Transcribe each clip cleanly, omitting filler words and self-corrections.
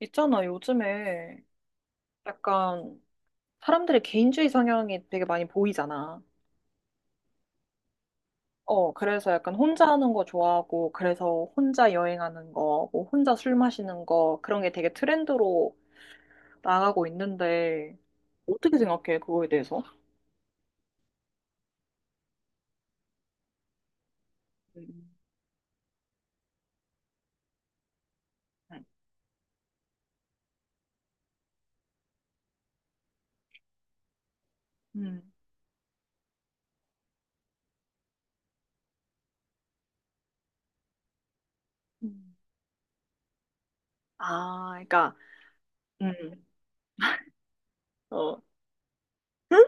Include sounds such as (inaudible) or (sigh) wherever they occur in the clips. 있잖아, 요즘에 약간 사람들의 개인주의 성향이 되게 많이 보이잖아. 어, 그래서 약간 혼자 하는 거 좋아하고, 그래서 혼자 여행하는 거, 뭐 혼자 술 마시는 거, 그런 게 되게 트렌드로 나가고 있는데, 어떻게 생각해, 그거에 대해서? 음. 음. 음. 아, 그러니까, 음, 어, 응?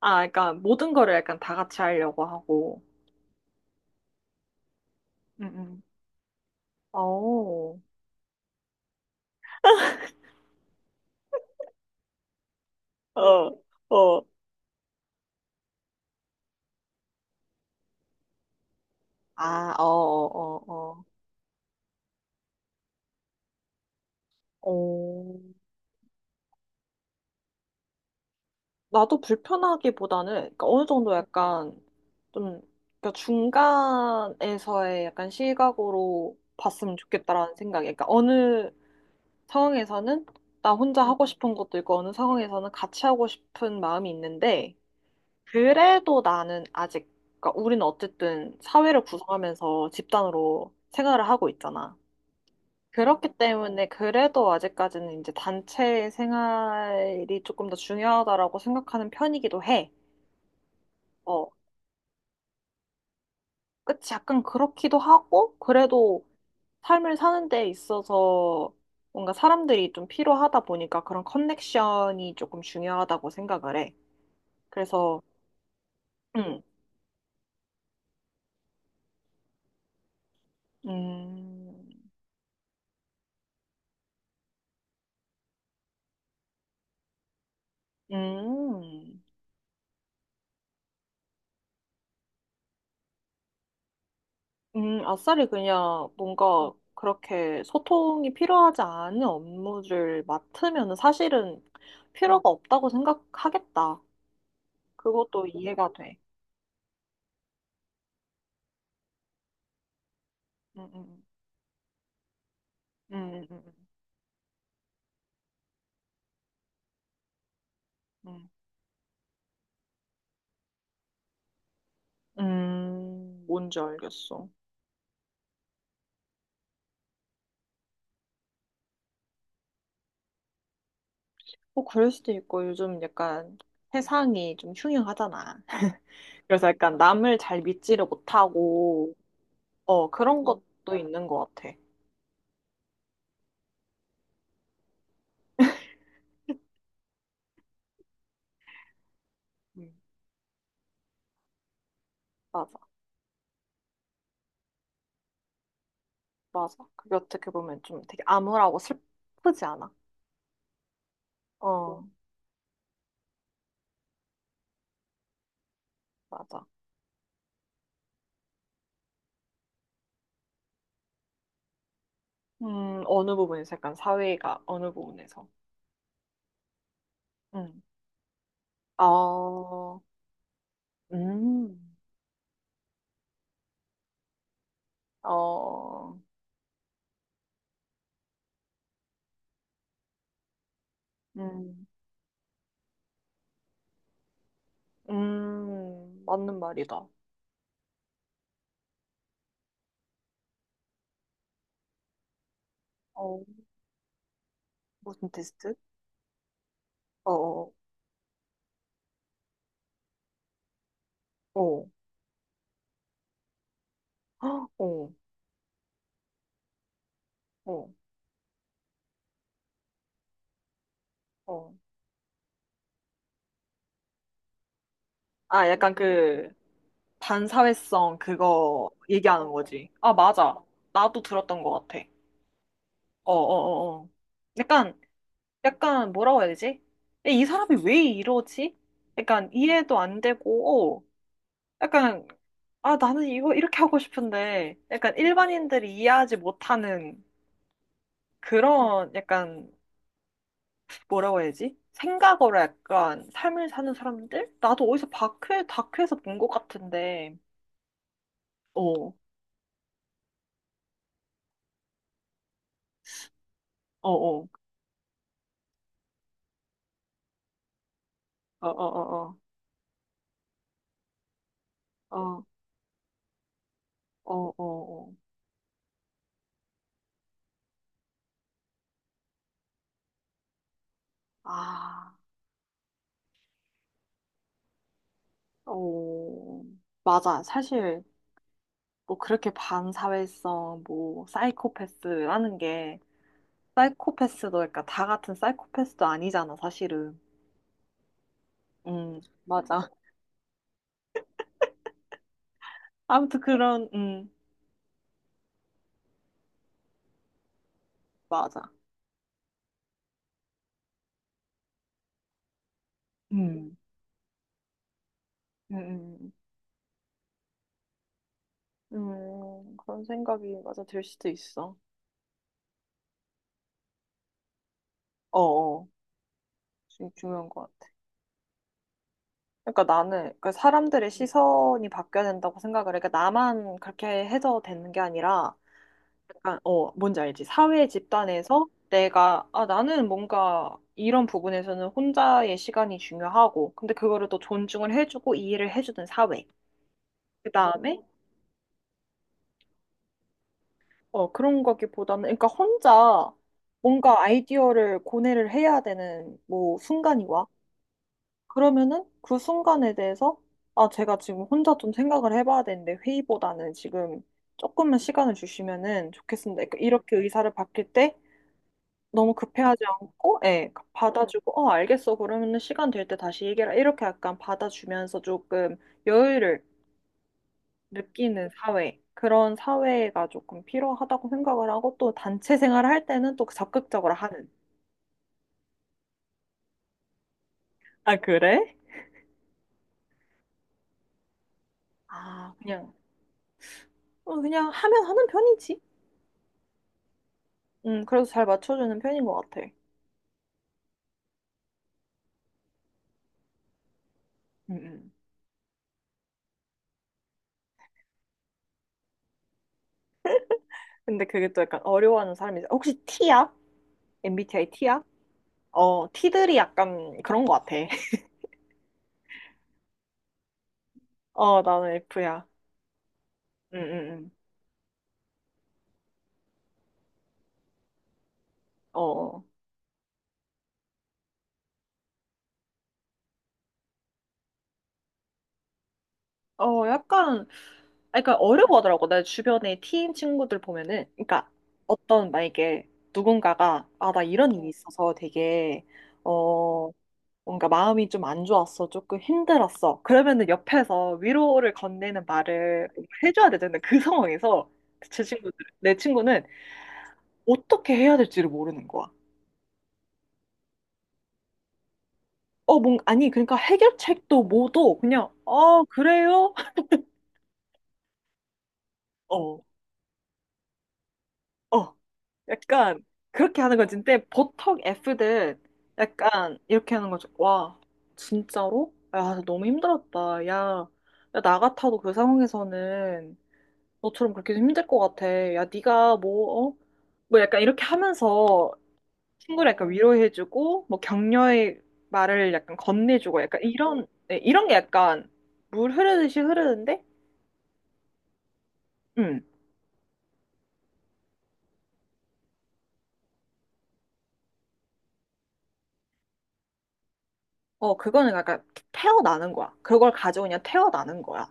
아, 그러니까 모든 거를 약간 다 같이 하려고 하고, 음, 음. 어, 어, 어, 아, 어, 어, 어. 어, 나도 불편하기보다는 그러니까 어느 정도 약간 좀 그러니까 중간에서의 약간 시각으로 봤으면 좋겠다라는 생각이 그러니까 어느 상황에서는 나 혼자 하고 싶은 것도 있고 어느 상황에서는 같이 하고 싶은 마음이 있는데 그래도 나는 아직 그러니까 우리는 어쨌든 사회를 구성하면서 집단으로 생활을 하고 있잖아. 그렇기 때문에 그래도 아직까지는 이제 단체 생활이 조금 더 중요하다라고 생각하는 편이기도 해. 어, 그치. 약간 그렇기도 하고, 그래도 삶을 사는 데 있어서 뭔가 사람들이 좀 필요하다 보니까 그런 커넥션이 조금 중요하다고 생각을 해. 그래서, 음, 음, 음. 아싸리 그냥 뭔가 그렇게 소통이 필요하지 않은 업무를 맡으면 사실은 필요가 없다고 생각하겠다. 그것도 이해가 돼. 음, 음, 음, 음, 음, 뭔지 알겠어. 뭐 그럴 수도 있고 요즘 약간 세상이 좀 흉흉하잖아. (laughs) 그래서 약간 남을 잘 믿지를 못하고 어, 그런 것도 있는 것 같아. 음, 맞아, 맞아. 그게 어떻게 보면 좀 되게 암울하고 슬프지 않아? 어. 맞아. 어느 부분에서 약간 사회가 어느 부분에서. 음. 어, 음, 어, 음, 맞는 말이다. 어, 무슨 테스트? 어, 어, 어, 헉, 어, 어, 어. 아, 약간 그, 반사회성 그거 얘기하는 거지. 아, 맞아. 나도 들었던 것 같아. 어, 어, 어, 어. 약간, 약간 뭐라고 해야 되지? 이 사람이 왜 이러지? 약간 이해도 안 되고, 어. 약간, 아, 나는 이거 이렇게 하고 싶은데, 약간 일반인들이 이해하지 못하는 그런 약간, 뭐라고 해야지? 생각으로 약간 삶을 사는 사람들? 나도 어디서 다큐에서 본 것 같은데, 어, 어, 어, 어, 어, 어, 어, 어, 어, 어, 어. 아, 어, 맞아. 사실, 뭐 그렇게 반사회성, 뭐, 사이코패스라는 게, 사이코패스도, 그러니까 다 같은 사이코패스도 아니잖아, 사실은. 맞아. 아무튼 그런, 맞아. 음, 음, 음. 그런 생각이 맞아 들 수도 있어. 어어, 중요한 것 같아. 그러니까 나는, 그러니까 사람들의 시선이 바뀌어야 된다고 생각을 해. 그러니까 나만 그렇게 해서 되는 게 아니라, 약간, 어, 뭔지 알지? 사회 집단에서 내가, 아, 나는 뭔가 이런 부분에서는 혼자의 시간이 중요하고, 근데 그거를 또 존중을 해주고 이해를 해주는 사회. 그 다음에, 어, 그런 거기보다는, 그러니까 혼자 뭔가 아이디어를 고뇌를 해야 되는 뭐 순간이 와. 그러면은 그 순간에 대해서, 아, 제가 지금 혼자 좀 생각을 해봐야 되는데 회의보다는 지금 조금만 시간을 주시면은 좋겠습니다. 그러니까 이렇게 의사를 바뀔 때 너무 급해하지 않고, 예, 받아주고, 어, 알겠어. 그러면은 시간 될 때 다시 얘기해라. 이렇게 약간 받아주면서 조금 여유를 느끼는 사회. 그런 사회가 조금 필요하다고 생각을 하고 또 단체 생활을 할 때는 또 적극적으로 하는. 아, 그래? 아, 그냥, 어, 그냥 하면 하는 편이지. 그래서 잘 맞춰주는 편인 것 같아. 음, 음. 근데 그게 또 약간 어려워하는 사람이 있어. 혹시 T야? MBTI T야? 어, T들이 약간 그런 것 같아. (laughs) 어, 나는 F야. 응, 응, 응. 어, 어, 약간 아니, 그러니까 어려워 하더라고. 내 주변에 팀 친구들 보면은, 그러니까 어떤 만약에 누군가가 아, 나 이런 일이 어, 있어서 되게 어 뭔가 마음이 좀 안 좋았어, 조금 힘들었어. 그러면은 옆에서 위로를 건네는 말을 해줘야 되잖아. 그 상황에서 제 친구들, 내 친구는 어떻게 해야 될지를 모르는 거야. 어, 뭔 아니 그러니까 해결책도 뭐도 그냥 어 그래요? (laughs) 어, 어. 약간 그렇게 하는 거지. 근데 보통 F들 약간 이렇게 하는 거죠. 와, 진짜로? 야, 너무 힘들었다. 야, 야, 나 같아도 그 상황에서는 너처럼 그렇게 힘들 것 같아. 야, 네가 뭐, 어? 뭐 약간 이렇게 하면서 친구를 약간 위로해주고, 뭐 격려의 말을 약간 건네주고, 약간 이런, 네, 이런 게 약간 물 흐르듯이 흐르는데, 음, 어, 그거는 약간 태어나는 거야. 그걸 가지고 그냥 태어나는 거야.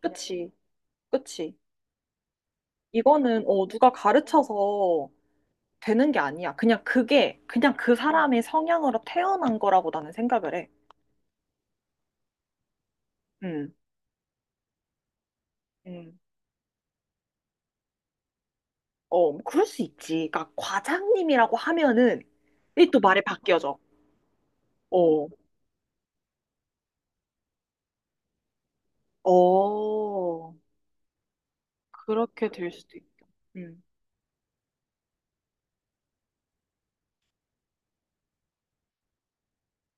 그치, 그치. 이거는 어, 누가 가르쳐서 되는 게 아니야. 그냥 그게 그냥 그 사람의 성향으로 태어난 거라고 나는 생각을 해. 음. 음. 어, 뭐 그럴 수 있지. 그러니까 과장님이라고 하면은 이 또 말이 바뀌어져. 어. 어. 그렇게 될 수도 있다. 음.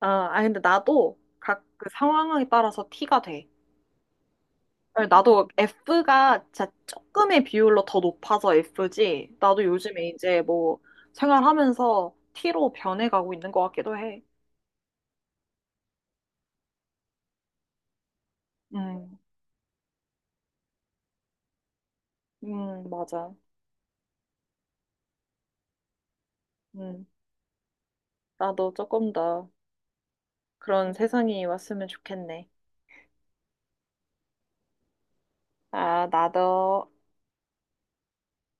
아, 아니 근데 나도 각 그 상황에 따라서 티가 돼. 네, 나도 F가 진짜 조금의 비율로 더 높아서 F지. 나도 요즘에 이제 뭐 생활하면서 T로 변해가고 있는 것 같기도 해. 음, 맞아. 음, 나도 조금 더 그런 세상이 왔으면 좋겠네. 아, 나도.